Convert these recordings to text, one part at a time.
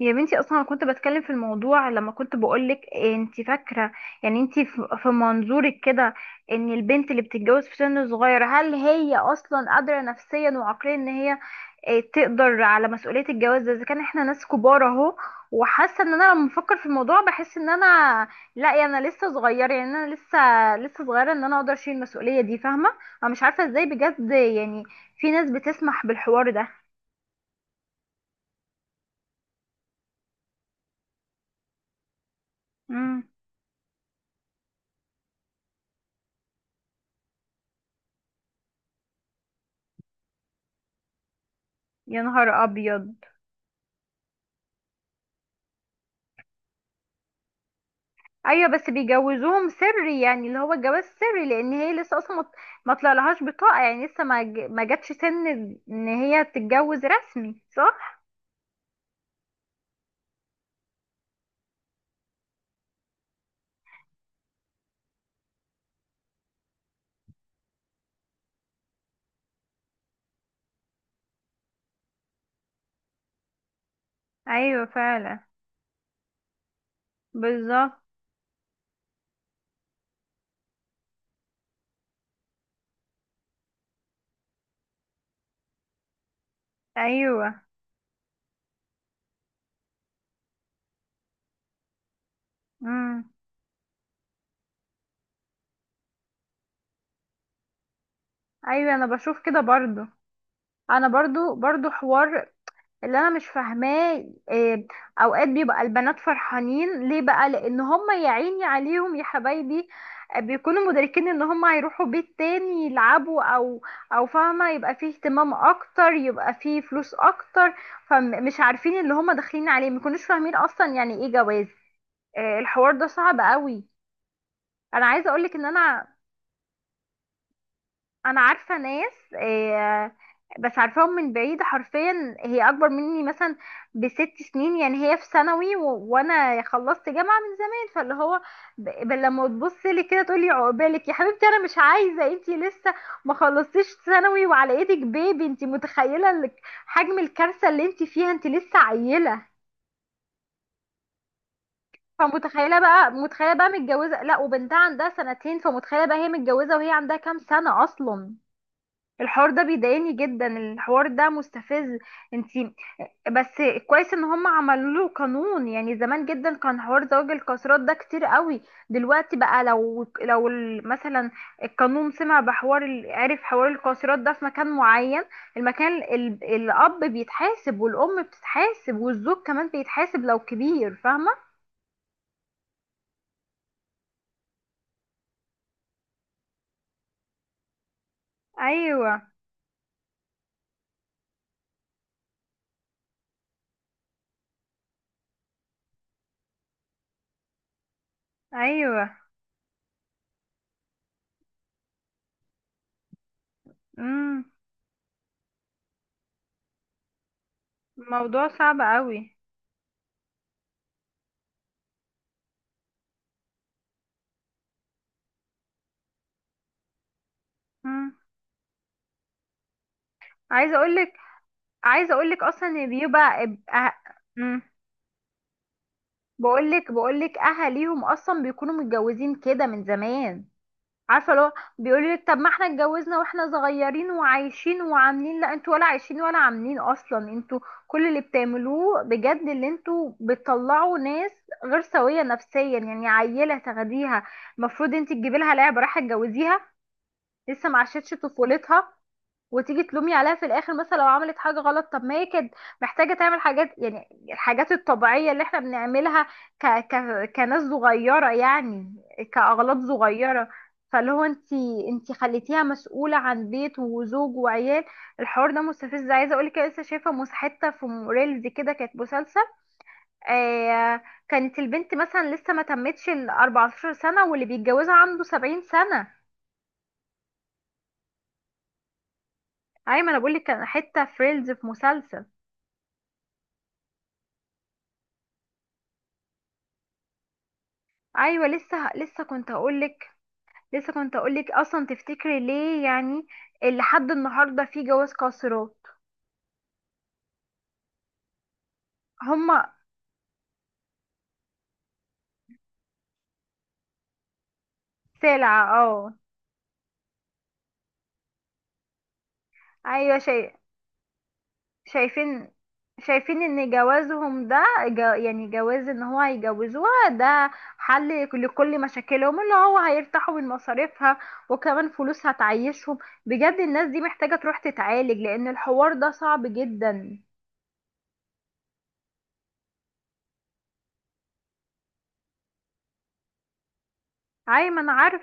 يا بنتي اصلا أنا كنت بتكلم في الموضوع لما كنت بقولك إيه انت فاكره. يعني انت في منظورك كده ان البنت اللي بتتجوز في سن صغير، هل هي اصلا قادره نفسيا وعقليا ان هي تقدر على مسؤوليه الجواز ده؟ اذا كان احنا ناس كبار اهو وحاسه ان انا لما بفكر في الموضوع بحس ان انا، لا يعني انا لسه صغيره، يعني انا لسه صغيره، ان انا اقدر اشيل المسؤوليه دي، فاهمه؟ انا مش عارفه ازاي بجد يعني في ناس بتسمح بالحوار ده. امم. يا نهار ابيض. ايوه بس بيجوزوهم سري، يعني اللي هو الجواز سري لان هي لسه اصلا ما طلعلهاش بطاقه، يعني لسه ما جاتش سن ان هي تتجوز رسمي، صح؟ ايوه فعلا. بالظبط. ايوه. امم. ايوه انا بشوف كده برضو. انا برضو حوار اللي انا مش فاهماه، إيه، اوقات بيبقى البنات فرحانين ليه بقى؟ لان هم يا عيني عليهم يا حبايبي، آه، بيكونوا مدركين ان هم هيروحوا بيت تاني يلعبوا او او فاهمه، يبقى فيه اهتمام اكتر، يبقى فيه فلوس اكتر، فمش عارفين اللي هم داخلين عليه، ما يكونوش فاهمين اصلا يعني ايه جواز. آه، الحوار ده صعب قوي. انا عايزه اقولك ان انا انا عارفه ناس، آه، بس عارفاهم من بعيد، حرفيا هي اكبر مني مثلا بست سنين، يعني هي في ثانوي وانا خلصت جامعه من زمان، فاللي هو لما تبص لي كده تقولي عقبالك يا حبيبتي، انا مش عايزه، انتي لسه ما خلصتيش ثانوي وعلى ايدك بيبي، انتي متخيله حجم الكارثه اللي انتي فيها، انتي لسه عيله. فمتخيله بقى متخيله بقى متجوزه، لا وبنتها عندها سنتين، فمتخيله بقى هي متجوزه وهي عندها كام سنه اصلا؟ الحوار ده بيضايقني جدا، الحوار ده مستفز. انتي بس كويس ان هم عملوا له قانون. يعني زمان جدا كان حوار زواج القاصرات ده كتير قوي، دلوقتي بقى لو مثلا القانون سمع بحوار عرف حوار القاصرات ده في مكان معين، المكان الاب بيتحاسب والام بتتحاسب والزوج كمان بيتحاسب لو كبير، فاهمة؟ ايوه. ايوه. امم. الموضوع صعب قوي. امم. عايزه اقولك، عايزه اقول لك اصلا إن بيبقى بقول لك، اهاليهم اصلا بيكونوا متجوزين كده من زمان، عارفه؟ لو بيقولوا لك طب ما احنا اتجوزنا واحنا صغيرين وعايشين وعاملين، لا انتوا ولا عايشين ولا عاملين اصلا، انتوا كل اللي بتعملوه بجد اللي انتوا بتطلعوا ناس غير سويه نفسيا، يعني عيله تاخديها؟ المفروض انت تجيبي لها لعبه، راح تجوزيها؟ لسه ما عاشتش طفولتها، وتيجي تلومي عليها في الاخر مثلا لو عملت حاجه غلط؟ طب ما هي كانت محتاجه تعمل حاجات، يعني الحاجات الطبيعيه اللي احنا بنعملها كناس صغيره، يعني كاغلاط صغيره. فاللي هو انت، انت خليتيها مسؤوله عن بيت وزوج وعيال. الحوار ده مستفز. عايزه اقول لك أنا لسه شايفه حته في ريلز كده كانت مسلسل، آه كانت البنت مثلا لسه ما تمتش ال 14 سنه واللي بيتجوزها عنده 70 سنه. ايمن، انا بقول لك كان حته في ريلز في مسلسل. ايوه، لسه كنت هقولك، اصلا تفتكري ليه يعني اللي لحد النهارده في جواز قاصرات؟ هما سلعة، اه. ايوه شايفين شايفين ان جوازهم ده يعني جواز ان هو هيجوزوها ده حل لكل مشاكلهم، اللي هو هيرتاحوا من مصاريفها وكمان فلوس هتعيشهم. بجد الناس دي محتاجة تروح تتعالج لان الحوار ده صعب جدا. ايوه ما انا عارف.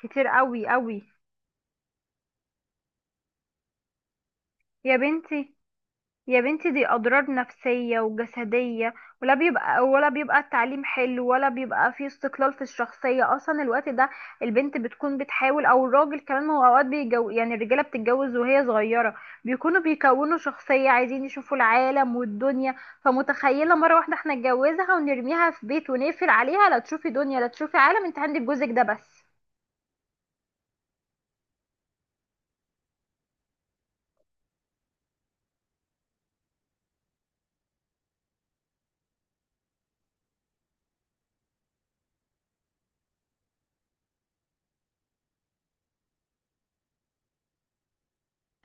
كتير قوي قوي. يا بنتي، يا بنتي دي أضرار نفسية وجسدية، ولا بيبقى التعليم حلو، ولا بيبقى فيه استقلال في الشخصية أصلا الوقت ده، البنت بتكون بتحاول، أو الراجل كمان، ما هو أوقات بيجو يعني الرجالة بتتجوز وهي صغيرة، بيكونوا شخصية عايزين يشوفوا العالم والدنيا، فمتخيلة مرة واحدة احنا نتجوزها ونرميها في بيت ونقفل عليها، لا تشوفي دنيا، لا تشوفي عالم، انت عندك جوزك ده بس.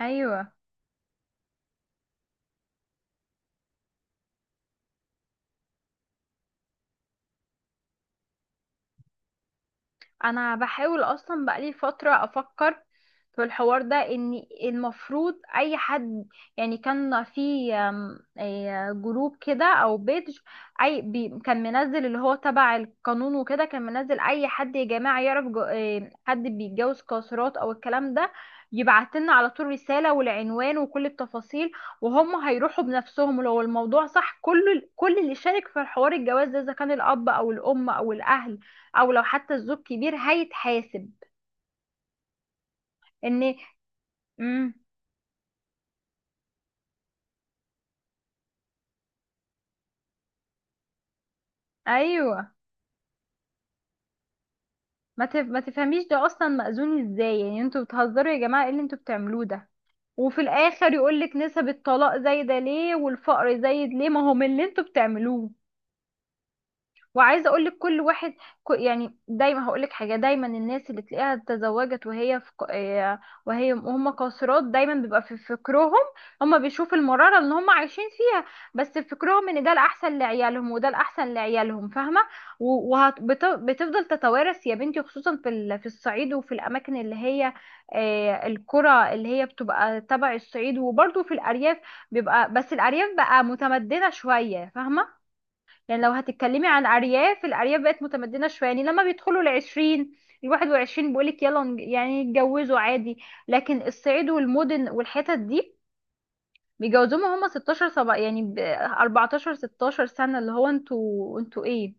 ايوه انا بحاول اصلا بقالي فترة افكر في الحوار ده، ان المفروض اي حد، يعني كان في أم، إيه، جروب كده او بيج اي بي كان منزل، اللي هو تبع القانون وكده، كان منزل اي حد يا جماعة يعرف جو- إيه، حد بيتجوز قاصرات او الكلام ده يبعتلنا على طول رسالة والعنوان وكل التفاصيل، وهم هيروحوا بنفسهم لو الموضوع صح. كل اللي شارك في حوار الجواز ده، اذا كان الاب او الام او الاهل او لو حتى الزوج كبير، هيتحاسب. ان، امم. ايوه ما تفهميش ده اصلا مأذون ازاي؟ يعني انتوا بتهزروا يا جماعه، ايه اللي انتوا بتعملوه ده؟ وفي الاخر يقولك نسب الطلاق زايده ليه والفقر زايد ليه؟ ما هو من اللي انتوا بتعملوه. وعايزه اقول لك كل واحد يعني، دايما هقول لك حاجه، دايما الناس اللي تلاقيها اتزوجت وهي في وهي وهم قاصرات، دايما بيبقى في فكرهم، هم بيشوفوا المراره اللي هم عايشين فيها، بس في فكرهم ان ده الاحسن لعيالهم وده الاحسن لعيالهم، فاهمه؟ وبتفضل تتوارث يا بنتي، خصوصا في الصعيد وفي الاماكن اللي هي، آه، القرى اللي هي بتبقى تبع الصعيد وبرضه في الارياف. بيبقى بس الارياف بقى متمدنه شويه، فاهمه؟ يعني لو هتتكلمي عن ارياف، الارياف بقت متمدنه شويه، يعني لما بيدخلوا 20، 21 بيقولك يلا يعني يتجوزوا عادي، لكن الصعيد والمدن والحتت دي بيجوزوهم هم 16 سبع يعني ب 14 16 سنه، اللي هو انتوا انتوا ايه؟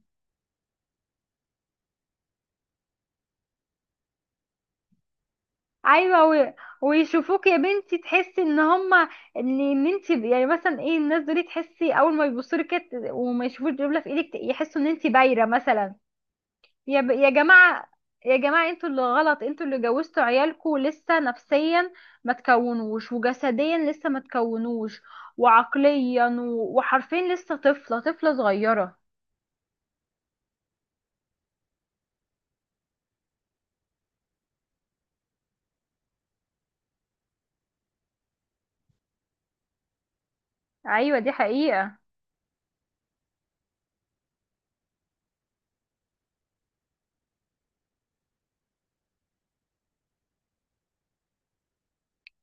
ايوه ويشوفوك يا بنتي، تحسي ان هم ان ان انت يعني مثلا ايه، الناس دول تحسي اول ما يبصوا لك كده وما يشوفوش دبله في ايدك يحسوا ان انت بايره مثلا. يا جماعة، يا جماعة انتوا اللي غلط، انتوا اللي جوزتوا عيالكوا لسه نفسيا ما تكونوش وجسديا لسه ما تكونوش وعقليا وحرفيا لسه طفلة، طفلة صغيرة. ايوه دي حقيقة.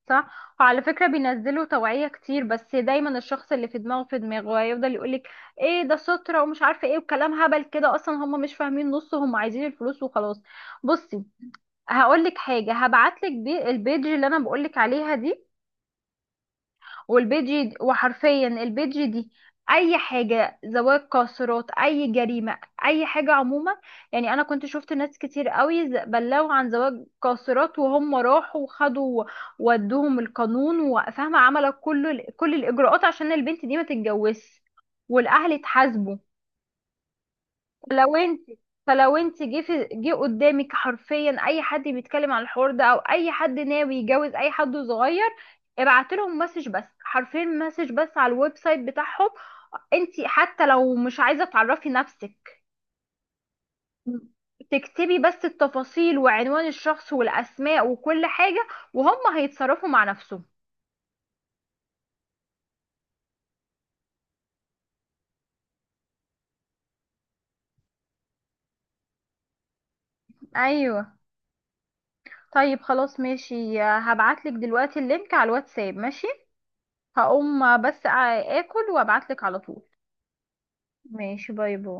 صح وعلى فكرة بينزلوا توعية كتير، بس دايما الشخص اللي في دماغه هيفضل يقولك ايه ده سترة ومش عارفة ايه وكلام هبل كده، اصلا هم مش فاهمين نص، هم عايزين الفلوس وخلاص. بصي هقولك حاجة، هبعتلك البيج اللي انا بقولك عليها دي، والبيجي، وحرفيا البيجي دي اي حاجه زواج قاصرات، اي جريمه، اي حاجه عموما، يعني انا كنت شفت ناس كتير قوي بلغوا عن زواج قاصرات وهم راحوا وخدوا، ودوهم القانون، وفاهمه عملوا كل الاجراءات عشان البنت دي ما تتجوزش، والاهل اتحاسبوا. لو انت، فلو انت جه جه قدامك حرفيا اي حد بيتكلم عن الحوار ده، او اي حد ناوي يتجوز اي حد صغير، ابعت لهم مسج بس، حرفيا مسج بس على الويب سايت بتاعهم، انت حتى لو مش عايزه تعرفي نفسك، تكتبي بس التفاصيل وعنوان الشخص والاسماء وكل حاجه وهم هيتصرفوا مع نفسهم. ايوه طيب خلاص ماشي، هبعتلك دلوقتي اللينك على الواتساب، ماشي؟ هقوم بس اكل وابعتلك على طول. ماشي، باي باي.